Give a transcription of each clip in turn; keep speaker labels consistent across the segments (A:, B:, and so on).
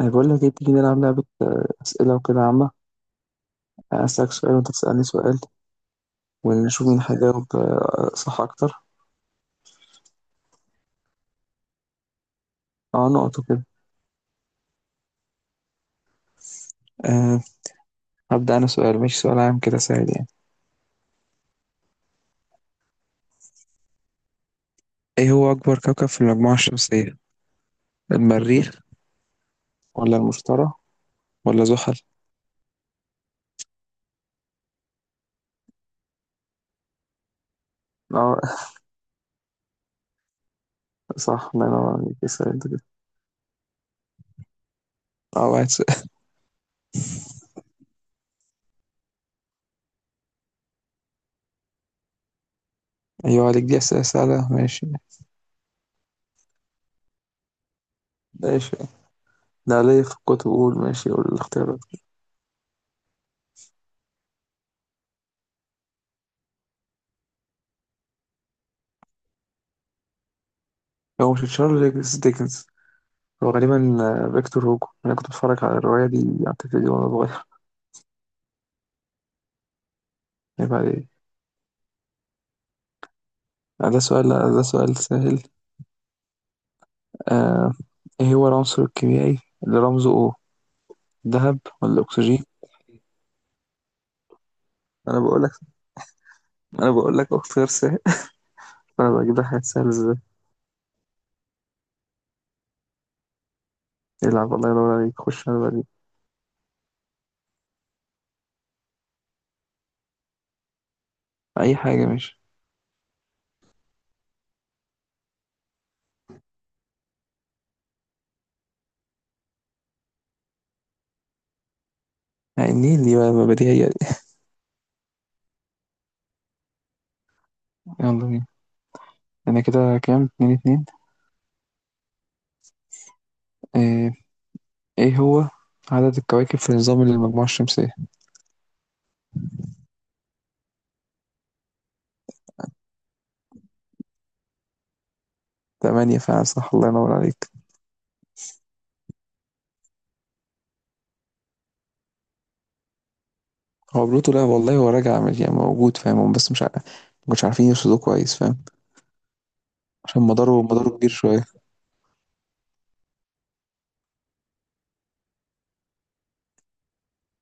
A: أنا بقول لك إيه، تيجي نلعب لعبة أسئلة وكده عامة. أنا أسألك سؤال وأنت تسألني سؤال، ونشوف مين هيجاوب صح أكتر. أه، نقط وكده. أه. هبدأ أنا سؤال، مش سؤال عام كده سهل يعني. إيه هو أكبر كوكب في المجموعة الشمسية؟ المريخ ولا المشتري ولا زحل؟ أه. صح، الله ينور عليك، اسأل أنت كده. أه، واحد سؤال. أيوه عليك، دي أسئلة سهلة ماشي. ماشي، ده ليا في الكتب، قول ماشي، قول الاختيارات. هو مش تشارلز ديكنز، هو غالبا فيكتور هوجو، انا كنت بتفرج على الروايه دي على التلفزيون وانا صغير. يبقى عليه. ده سؤال، لا ده سؤال سهل. آه. ايه هو العنصر الكيميائي اللي رمزه O؟ ذهب ولا اكسجين؟ انا بقول لك، انا بقول لك اختيار سهل، انا بجيب لك حاجات سهله ازاي. العب، الله ينور عليك، خش انا بجيب. اي حاجه ماشي. يعني النيل دي بقى، بديهيه دي. يلا بينا، انا كده كام؟ اتنين اتنين. آه، ايه هو عدد الكواكب في نظام المجموعه الشمسيه؟ تمانية فعلا، صح، الله ينور عليك. هو بلوتو، لا والله هو راجع يعني موجود، فاهم هم بس مش عارف ما كانوش عارفين يرصدوه كويس، فاهم. عشان مداره، مداره كبير شوية.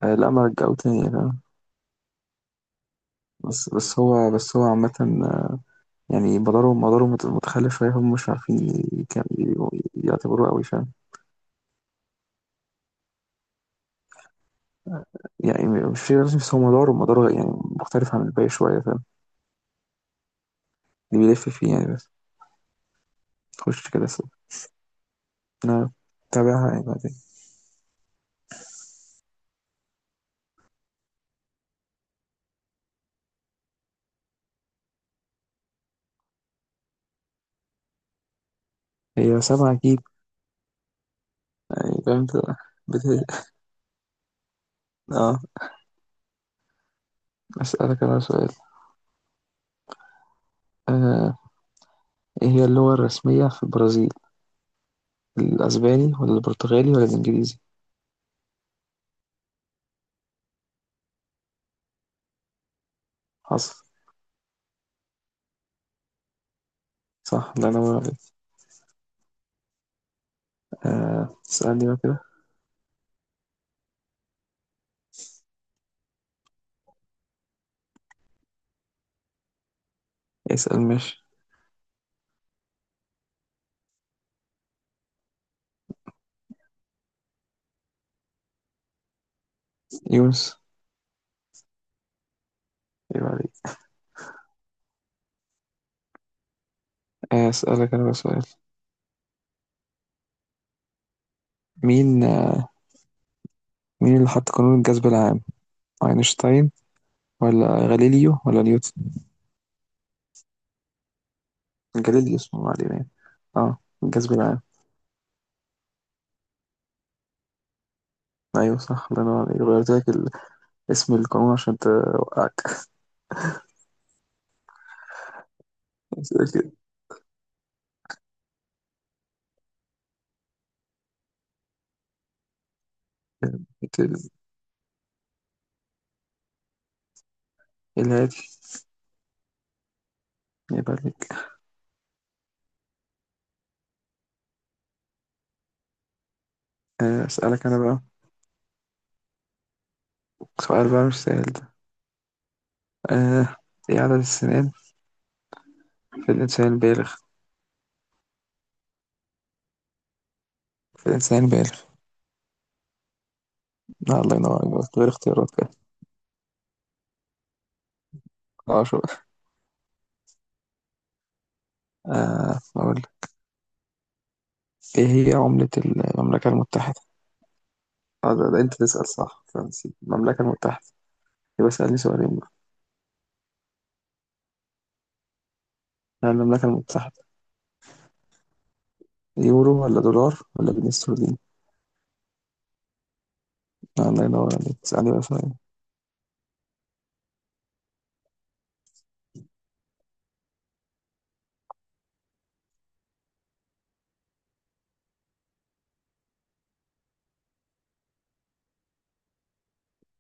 A: آه لا، ما رجعوه تاني، فاهم. بس هو هو عامة، آه، يعني مداره، مداره متخلف شوية، هم مش عارفين يعتبروه قوي، فاهم. يعني مش في لازم، بس هو مداره، مداره يعني مختلف عن الباقي شوية، فاهم. اللي بيلف فيه يعني، بس تخش كده سوق. أنا تابعها يعني بعدين. هي سبعة أكيد، يعني فاهم أنت. بت- اه، أسألك أنا سؤال. آه. إيه هي اللغة الرسمية في البرازيل؟ الأسباني ولا البرتغالي ولا الإنجليزي؟ حصل، صح، ده أنا واخد. آه، اسألني بقى كده. اسأل ماشي. يونس. أيوة عليك. أسألك أنا بقى سؤال. مين آه، مين اللي حط قانون الجذب العام؟ أينشتاين ولا غاليليو ولا نيوتن؟ غاليليو اسمه، ما علينا يعني. اه، الجذب العام. أيوه صح، الله ينور عليك، غيرت لك اسم القانون عشان توقعك. أسألك. ال- الهادي. يبقى عليك. أسألك أنا بقى سؤال بقى، مش سهل ده. آه. إيه عدد السنين في الإنسان البالغ؟ في الإنسان البالغ. لا، الله ينور عليك، بس غير اختيارات كده. اه شو. آه، أقول لك. إيه هي عملة المملكة المتحدة؟ آه، ده أنت تسأل صح، فرنسي المملكة المتحدة، يبقى اسألني سؤالين بقى. آه، المملكة المتحدة. يورو ولا دولار ولا جنيه استرليني؟ آه، الله ينور عليك، اسألني بقى سؤالين.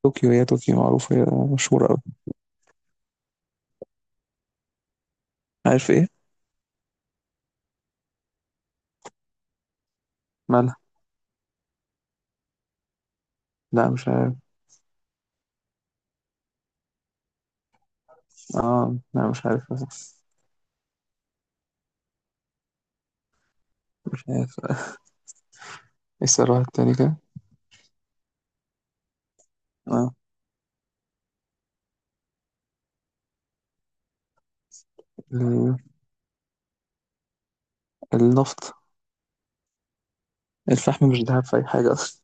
A: طوكيو، هي طوكيو معروفة، هي مشهورة أوي. عارف إيه؟ مالها؟ لا، مش عارف. اه لا، مش عارف. مش عارف. ايه السؤال التاني كده؟ اه. ال- النفط. الفحم مش ذهب في أي حاجة أصلا،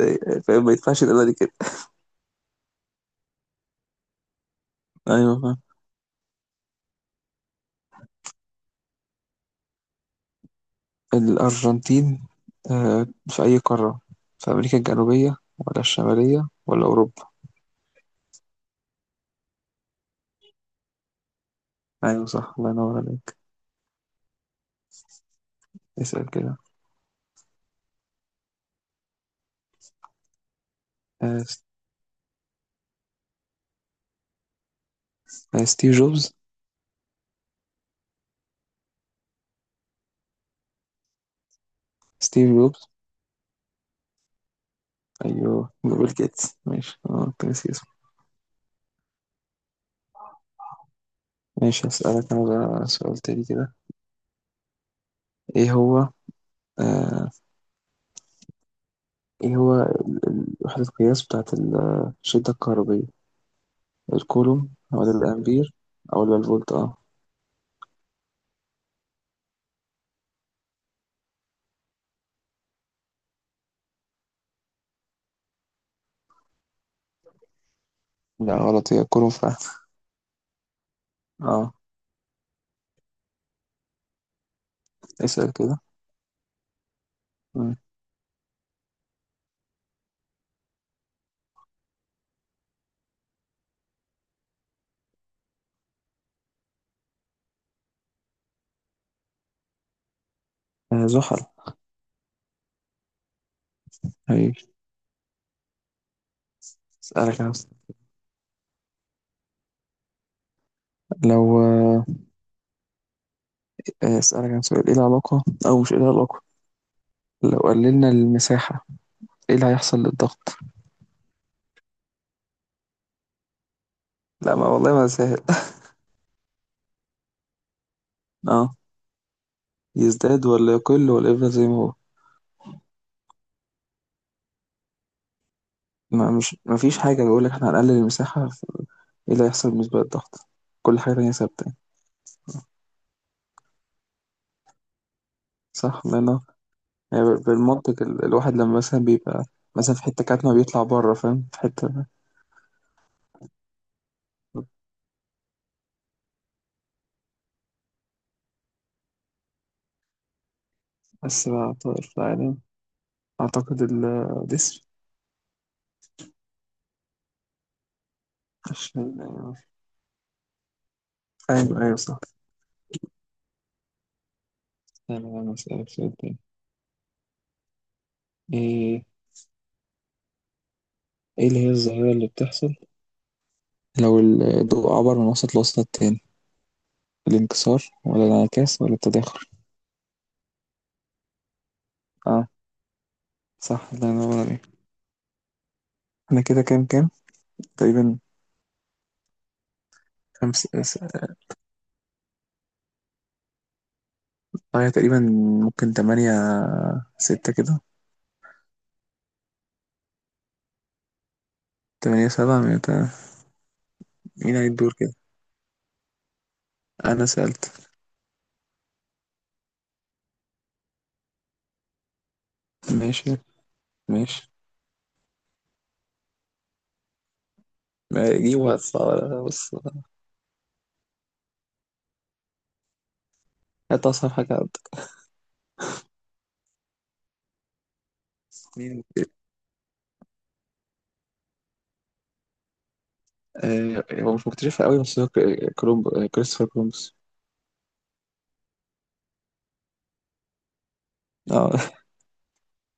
A: إيه، فاهم؟ ما يدفعش القيمة دي كده. أيوة فاهم. الأرجنتين في أي قارة؟ في أمريكا الجنوبية ولا الشمالية ولا أوروبا؟ أيوة صح، الله ينور عليك. اسأل كده. آه، س- ستيف جوبز. ستيف جوبز. أيوه، بيل جيتس ماشي، أه كنت ناسي اسمه. ماشي، هسألك أنا بقى سؤال تاني كده. إيه هو، آه، إيه هو وحدة القياس بتاعت الشدة الكهربية؟ الكولوم ولا الأمبير ولا الفولت؟ أه. لا غلط، هي كولوم فعلا. اه، اسأل كده. مم. آه، زحل. هي اسألك انا لو، آه، اسألك انا سؤال. ايه العلاقة، او مش ايه العلاقة، لو قللنا المساحة ايه اللي هيحصل للضغط؟ لا ما والله ما سهل. اه. يزداد ولا يقل ولا يفضل زي ما هو؟ ما فيش حاجة، بيقول لك احنا هنقلل المساحة ايه اللي هيحصل بالنسبة للضغط، كل حاجة تانية ثابتة يعني. صح لأنه يعني بالمنطق، الواحد لما مثلا بيبقى مثلا في حتة كاتمة بيطلع بره، فاهم، في حتة. بس بقى، طائر في العالم، أعتقد الجسر، عشان. أيوه أيوه صح. أنا أسألك سؤال تاني. إيه، إيه اللي هي الظاهرة اللي بتحصل لو الضوء عبر من وسط لوسط التاني؟ الانكسار ولا الانعكاس ولا التداخل؟ أه، صح، الله ينور عليك. أنا كده كام كام تقريبا؟ خمس س- أه هي تقريبا ممكن تمانية ستة كده. تمانية سبعة، مين هيدور كده؟ أنا سألت. ماشي ماشي، ما دي وقت صعب بص. هات أصعب حاجة عندك. مين؟ آه، هو مش مكتشفها قوي، بس هو ك- آه، كولومب آه، كريستوفر كولومبوس. اه